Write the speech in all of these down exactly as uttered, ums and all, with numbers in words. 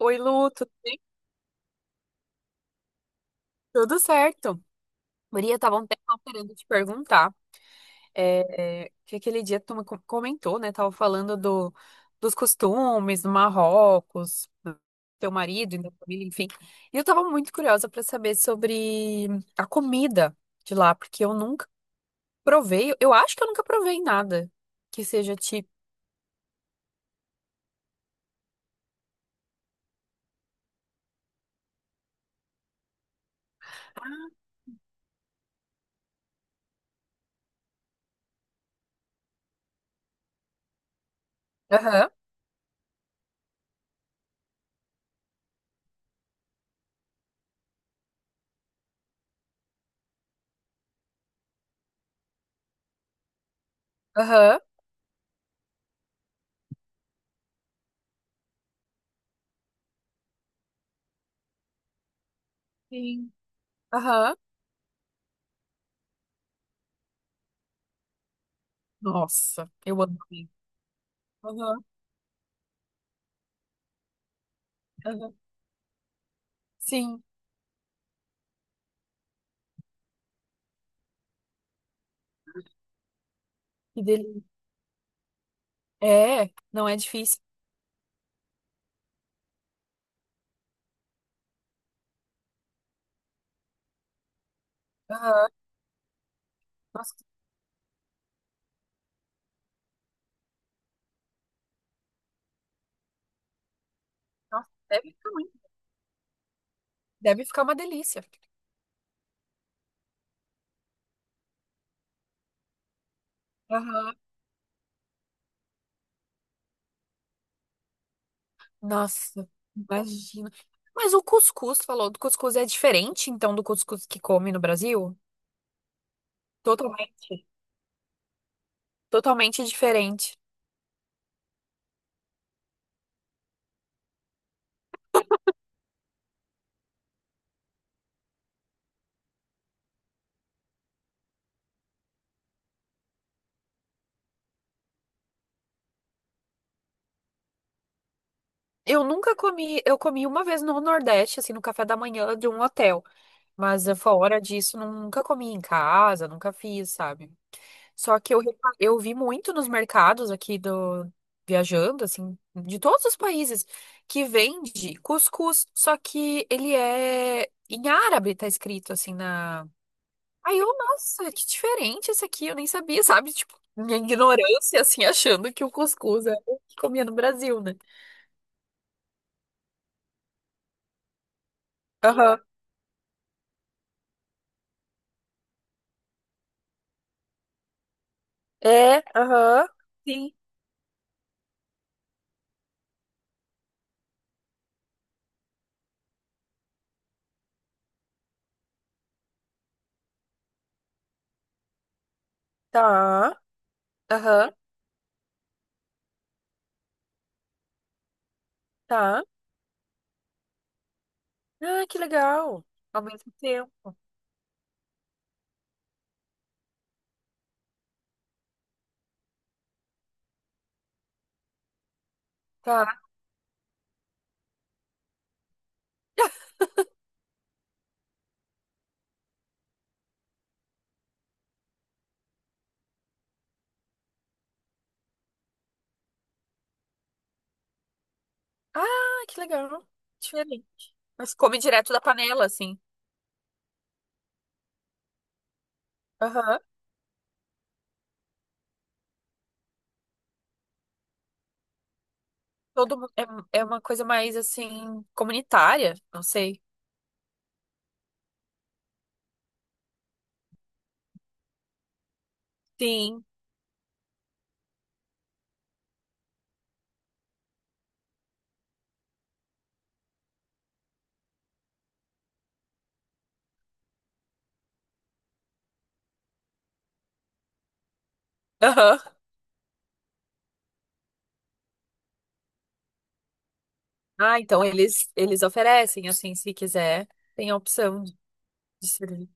Oi, Lu, tu- tudo certo? Maria, tava um tempo querendo te perguntar, é, é, que aquele dia tu me co- comentou, né? Tava falando do, dos costumes do Marrocos, do teu marido e da família, enfim. E eu tava muito curiosa para saber sobre a comida de lá, porque eu nunca provei, eu acho que eu nunca provei nada que seja tipo. Aham, aham. Sim. Aham. Nossa, eu amo. Aham, aham. Sim, que delícia. É, não é difícil. Aham. Nossa, nossa, deve ficar muito. Deve ficar uma delícia. Aham. Nossa, imagina. Mas o cuscuz, falou, do cuscuz é diferente, então, do cuscuz que come no Brasil? Totalmente. Totalmente diferente. Eu nunca comi, eu comi uma vez no Nordeste, assim, no café da manhã de um hotel. Mas eh, fora disso, nunca comi em casa, nunca fiz, sabe? Só que eu, repa- eu vi muito nos mercados aqui do viajando, assim, de todos os países, que vende cuscuz, só que ele é em árabe, tá escrito assim na. Aí eu, nossa, que diferente esse aqui, eu nem sabia, sabe? Tipo, minha ignorância, assim, achando que o cuscuz é o que comia no Brasil, né? Aham. É, aham. Sim. Tá. Aham. Tá. Ah, que legal. Ao mesmo tempo. Tá. Ah, que legal. Diferente. Mas come direto da panela, assim. Aham. Todo mundo, é, é uma coisa mais, assim, comunitária, não sei. Sim. Aham. Ah, então eles, eles oferecem, assim, se quiser, tem a opção de de servir.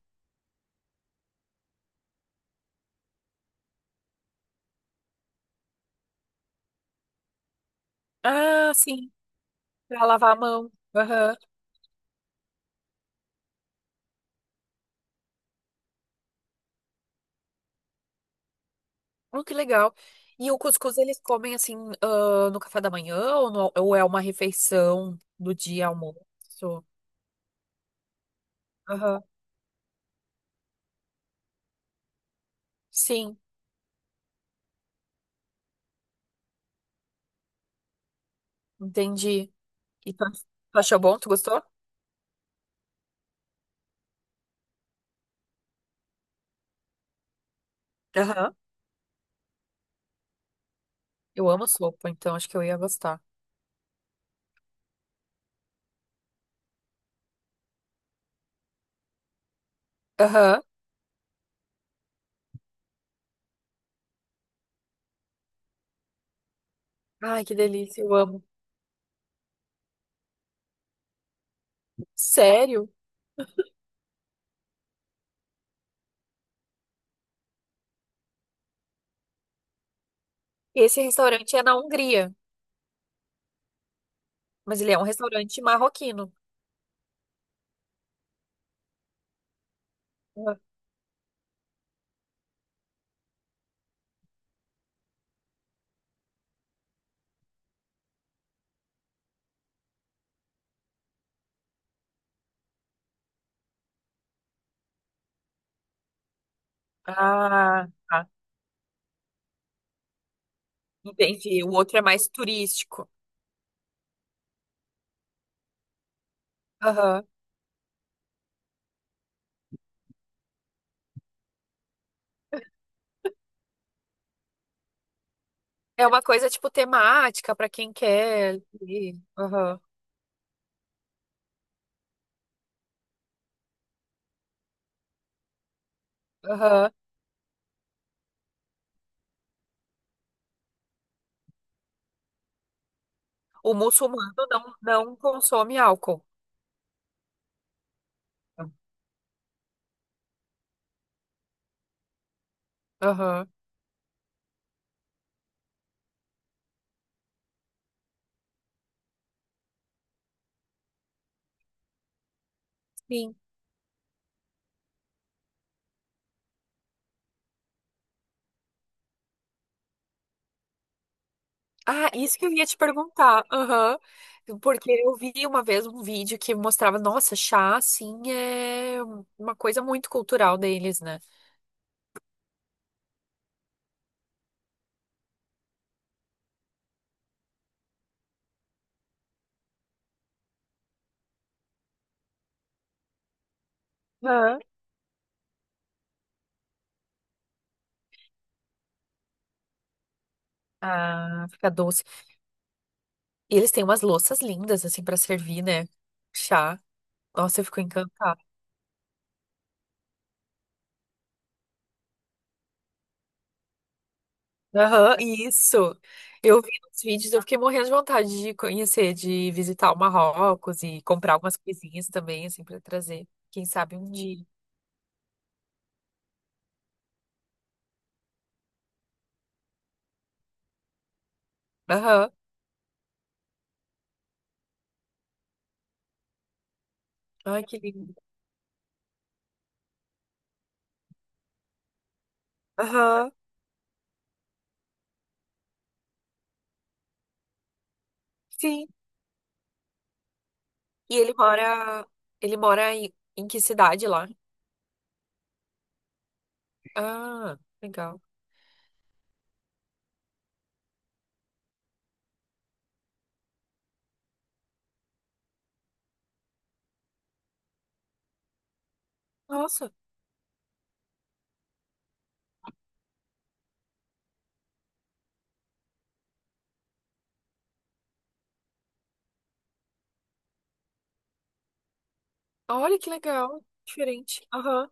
Ah, sim, pra lavar a mão. Aham. Oh, que legal. E o cuscuz eles comem, assim, ah, no café da manhã ou, no- ou é uma refeição do dia almoço? Aham. Sim, entendi. E tu tu achou bom? Tu gostou? Aham. Eu amo sopa, então acho que eu ia gostar. Aham. Ai, que delícia, eu amo. Sério? Esse restaurante é na Hungria, mas ele é um restaurante marroquino. Aham. Ah, tá. Entendi. O outro é mais turístico. Aham. É uma coisa tipo temática para quem quer. Ir. Aham. Aham. O muçulmano não, não consome álcool. Aham. Sim. Ah, isso que eu ia te perguntar. Aham. Porque eu vi uma vez um vídeo que mostrava, nossa, chá, assim, é uma coisa muito cultural deles, né? Aham. Ah, fica doce. E eles têm umas louças lindas, assim, pra servir, né? Chá. Nossa, eu fico encantada. Aham, isso. Eu vi nos vídeos, eu fiquei morrendo de vontade de conhecer, de visitar o Marrocos e comprar algumas coisinhas também, assim, pra trazer. Quem sabe um dia. Aham. Ai, que lindo. Aham. Sim. E ele mora, ele mora em, em que cidade lá? Ah, legal. Nossa, olha que legal, diferente. Aham.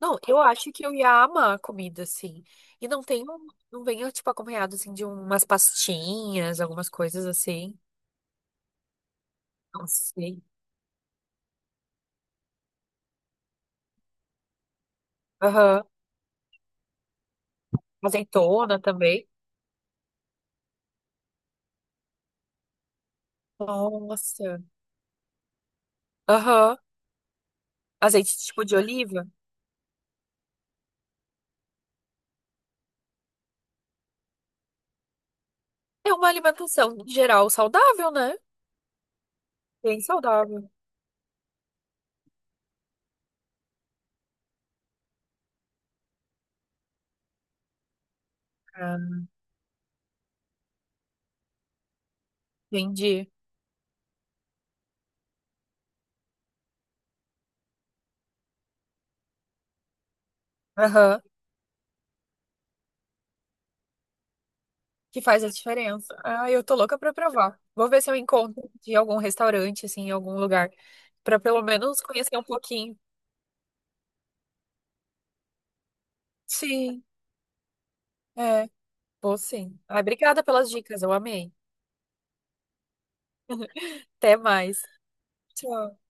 Não, eu acho que eu ia amar a comida assim. E não tem, um- não vem tipo acompanhado assim de umas pastinhas, algumas coisas assim. Não sei. Aham. Azeitona também. Nossa. Aham. Azeite tipo de oliva. É uma alimentação em geral saudável, né? Bem saudável. Ah, entendi. Aham. Que faz a diferença. Ah, eu tô louca pra provar. Vou ver se eu encontro de algum restaurante, assim, em algum lugar, pra pelo menos conhecer um pouquinho. Sim, é, vou sim. Ai, obrigada pelas dicas, eu amei. Até mais. Tchau.